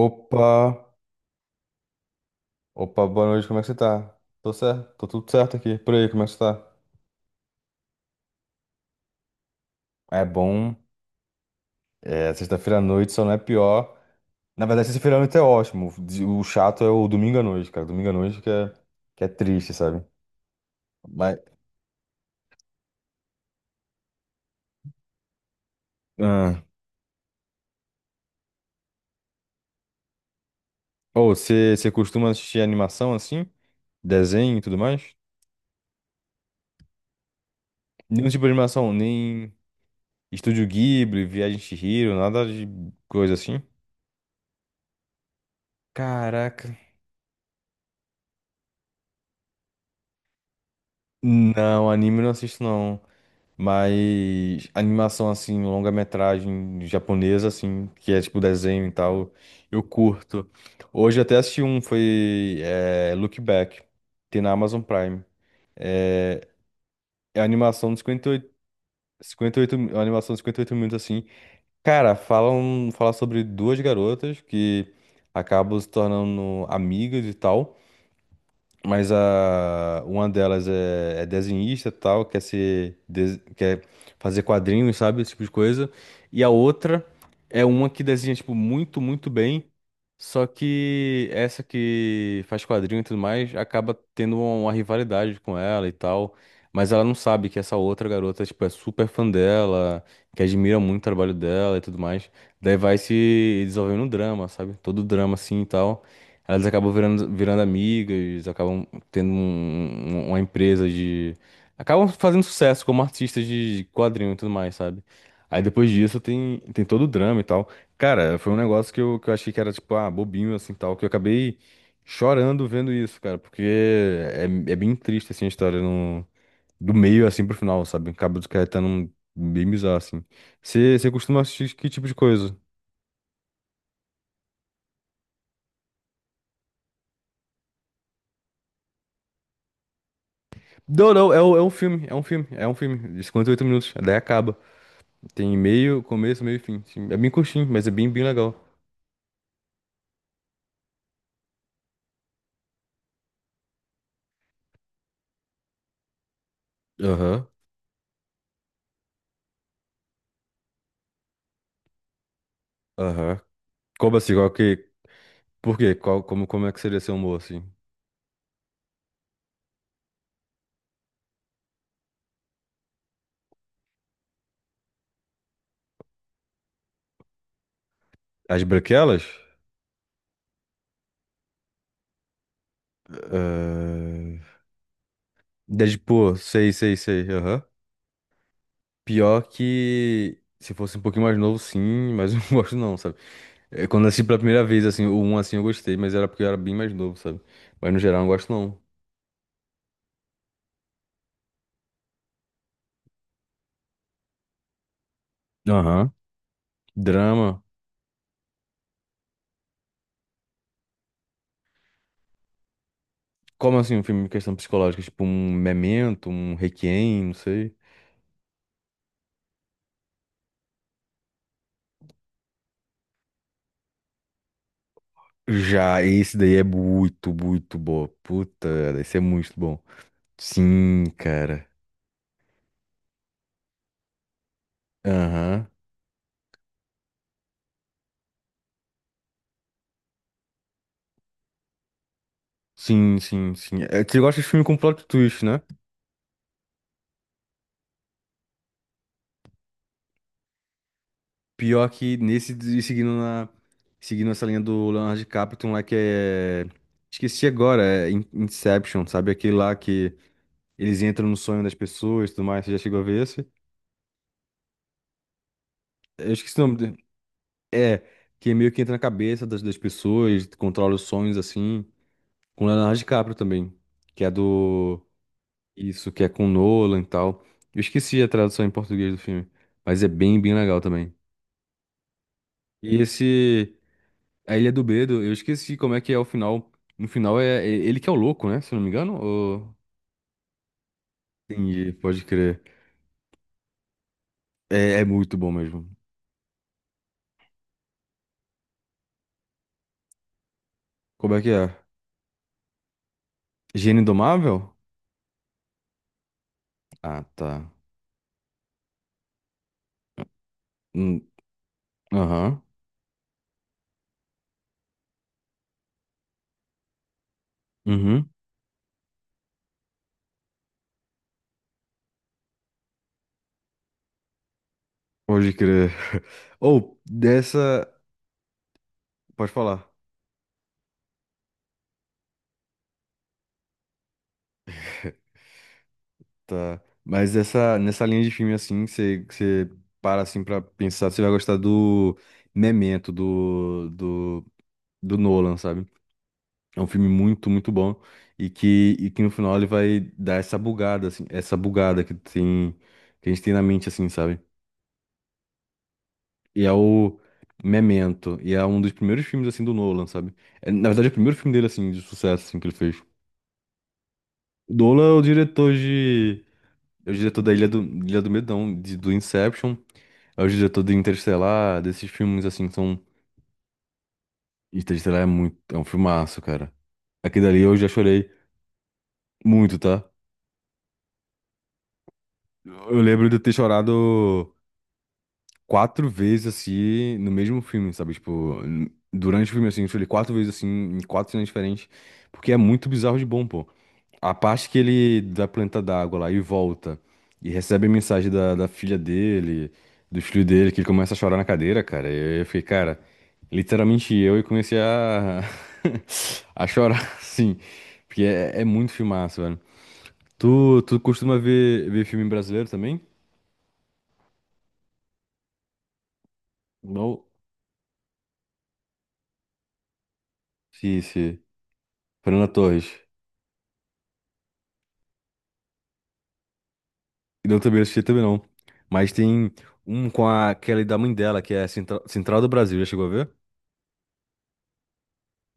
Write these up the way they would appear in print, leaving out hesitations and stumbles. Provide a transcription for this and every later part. Opa, opa, boa noite, como é que você tá? Tô certo, tô tudo certo aqui, por aí, como é que você tá? É bom, é, sexta-feira à noite só não é pior. Na verdade, sexta-feira à noite é ótimo, o chato é o domingo à noite, cara, domingo à noite que é triste, sabe? Mas, ah. Ô, você costuma assistir animação assim? Desenho e tudo mais? Nenhum tipo de animação, nem Estúdio Ghibli, Viagem de Chihiro, nada de coisa assim? Caraca. Não, anime eu não assisto não. Mas animação assim, longa-metragem japonesa assim, que é tipo desenho e tal, eu curto. Hoje eu até assisti um, foi é, Look Back, tem na Amazon Prime. É, é a animação de 58, 58, é uma animação de 58 minutos assim. Cara, fala sobre duas garotas que acabam se tornando amigas e tal. Mas uma delas é desenhista e tal, quer fazer quadrinhos, sabe? Esse tipo de coisa. E a outra é uma que desenha, tipo, muito, muito bem. Só que essa que faz quadrinho e tudo mais acaba tendo uma rivalidade com ela e tal. Mas ela não sabe que essa outra garota, tipo, é super fã dela, que admira muito o trabalho dela e tudo mais. Daí vai se desenvolvendo um drama, sabe? Todo drama assim e tal. Elas acabam virando amigas, acabam tendo uma empresa de. Acabam fazendo sucesso como artistas de quadrinho e tudo mais, sabe? Aí depois disso tem, todo o drama e tal. Cara, foi um negócio que eu achei que era, tipo, ah, bobinho, assim, tal, que eu acabei chorando vendo isso, cara, porque é bem triste, assim, a história no, do meio, assim, pro final, sabe? Cabo dos Caetano bem bizarro, assim. Você costuma assistir que tipo de coisa? Não, não, é um filme, de 58 minutos, daí acaba. Tem meio, começo, meio e fim, assim. É bem curtinho, mas é bem, bem legal. Aham, aham. Como assim, por quê? Como é que seria seu humor, assim? As branquelas? Deadpool, sei, sei, sei. Aham. Pior que. Se fosse um pouquinho mais novo, sim, mas eu não gosto não, sabe? É, quando eu assisti pela primeira vez, assim, o 1 assim eu gostei, mas era porque eu era bem mais novo, sabe? Mas no geral eu não gosto não. Aham. Drama. Como assim um filme de questão psicológica? Tipo um Memento, um Requiem, não sei. Já esse daí é muito, muito bom. Puta, esse é muito bom. Sim, cara. Aham. Sim, sim, sim. É, você gosta de filme com plot twist, né? Pior que nesse, e seguindo essa linha do Leonardo DiCaprio, tem um lá que é, esqueci agora, é Inception, sabe? Aquele lá que eles entram no sonho das pessoas e tudo mais, você já chegou a ver esse? Eu esqueci o nome dele. É, que meio que entra na cabeça das pessoas, controla os sonhos, assim, com Leonardo DiCaprio também, que é do, isso, que é com Nolan e tal. Eu esqueci a tradução em português do filme, mas é bem, bem legal também. E esse... A Ilha do Bedo, eu esqueci como é que é o final. No final é ele que é o louco, né? Se eu não me engano. Ou... Entendi, pode crer. É muito bom mesmo. Como é que é? Gênio Indomável? Ah, tá. Hum, aham. Uhum. Pode crer. Ou, dessa. Pode falar. Tá. Mas essa, nessa linha de filme assim, você para assim pra pensar, você vai gostar do Memento, do Nolan, sabe? É um filme muito, muito bom e que no final ele vai dar essa bugada, assim, essa bugada que tem, que a gente tem na mente, assim, sabe? E é o Memento, e é um dos primeiros filmes, assim, do Nolan, sabe? É, na verdade, é o primeiro filme dele, assim, de sucesso, assim, que ele fez. Nolan é o diretor de... É o diretor da Ilha do Medo, não, do Inception, é o diretor do Interstellar, desses filmes, assim, que são... Interstellar é muito... É um filmaço, cara. Aquele dali eu já chorei muito, tá? Eu lembro de eu ter chorado, quatro vezes assim no mesmo filme, sabe? Tipo, durante o filme assim, eu chorei quatro vezes assim, em quatro cenas diferentes, porque é muito bizarro de bom, pô. A parte que ele da planta d'água lá e volta e recebe a mensagem da filha dele, do filho dele, que ele começa a chorar na cadeira, cara. Eu fiquei, cara, literalmente eu e comecei a a chorar, assim, porque é muito filmaço, velho. Tu costuma ver filme brasileiro também? Não. Sim, sim. Fernanda Torres. Não, também não assisti também não. Mas tem um com a Kelly da mãe dela, que é Central, Central do Brasil, já chegou a ver?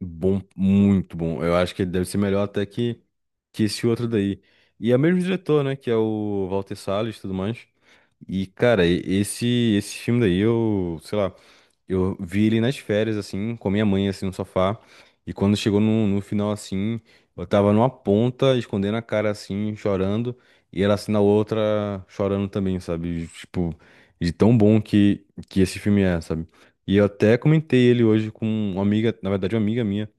Bom, muito bom. Eu acho que ele deve ser melhor até que esse outro daí. E é o mesmo diretor, né? Que é o Walter Salles e tudo mais. E, cara, esse filme daí, eu, sei lá, eu vi ele nas férias, assim, com a minha mãe, assim, no sofá. E quando chegou no final, assim, eu tava numa ponta, escondendo a cara, assim, chorando. E ela, assim, na outra, chorando também, sabe? Tipo, de tão bom que esse filme é, sabe? E eu até comentei ele hoje com uma amiga, na verdade, uma amiga minha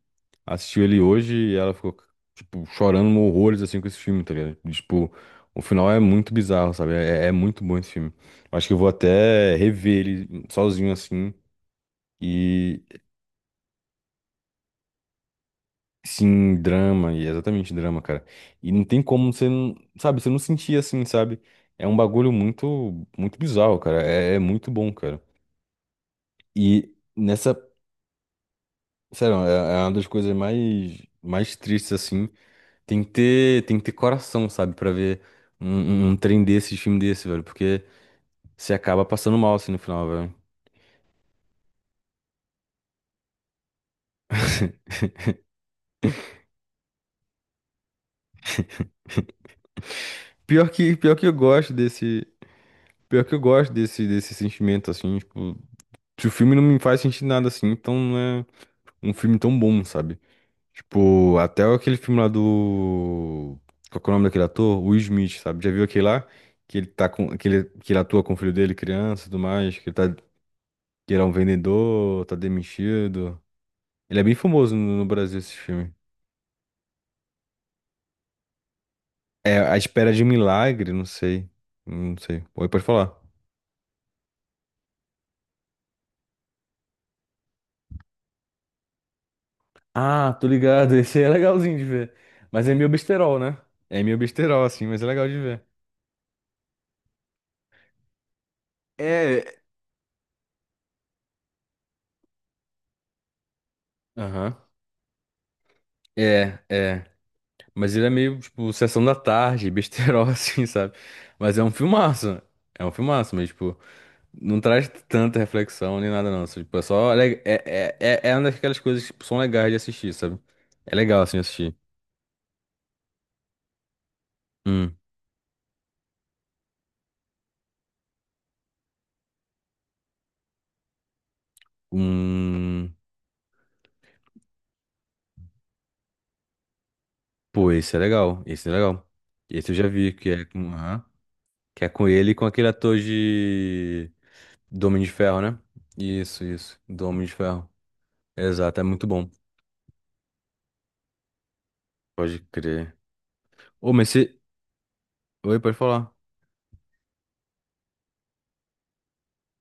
assistiu ele hoje e ela ficou, tipo, chorando horrores, assim, com esse filme, tá ligado? E, tipo, o final é muito bizarro, sabe? É muito bom esse filme. Eu acho que eu vou até rever ele sozinho, assim, e, sim, drama, e é exatamente drama, cara. E não tem como você não, sabe, você não sentir assim, sabe? É um bagulho muito, muito bizarro, cara. É muito bom, cara. E nessa, sério, é uma das coisas mais, mais tristes, assim. Tem que ter, coração, sabe, pra ver um trem desse, filme desse, velho, porque você acaba passando mal assim no final, velho. Pior que, pior que eu gosto desse, pior que eu gosto desse, desse sentimento assim, tipo, se o filme não me faz sentir nada assim, então não é um filme tão bom, sabe? Tipo, até aquele filme lá do qual que é o nome daquele ator? Will Smith, sabe? Já viu aquele lá que ele atua com o filho dele, criança, e tudo mais, que ele é um vendedor, tá demitido. Ele é bem famoso no Brasil, esse filme. É A Espera de um Milagre, não sei. Não sei. Oi, pode falar. Ah, tô ligado. Esse aí é legalzinho de ver. Mas é meio besterol, né? É meio besterol, assim, mas é legal de ver. É. Aham. É, é. Mas ele é meio, tipo, sessão da tarde, besterol, assim, sabe? Mas é um filmaço. É um filmaço, mas, tipo, não traz tanta reflexão nem nada, não. Só, tipo, é só. É uma daquelas coisas que tipo, são legais de assistir, sabe? É legal, assim, assistir. Hum. Hum, pô, esse é legal. Esse é legal. Esse eu já vi, que é com, aham, que é com ele e com aquele ator de do Homem de Ferro, né? Isso, isso. Do Homem de Ferro. Exato, é muito bom. Pode crer. Ô, mas você. Oi, pode falar.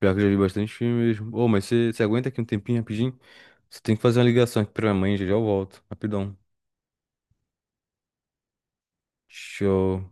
Pior que eu já vi bastante filme mesmo. Ô, mas você aguenta aqui um tempinho rapidinho? Você tem que fazer uma ligação aqui pra minha mãe, já já eu volto. Rapidão. Show.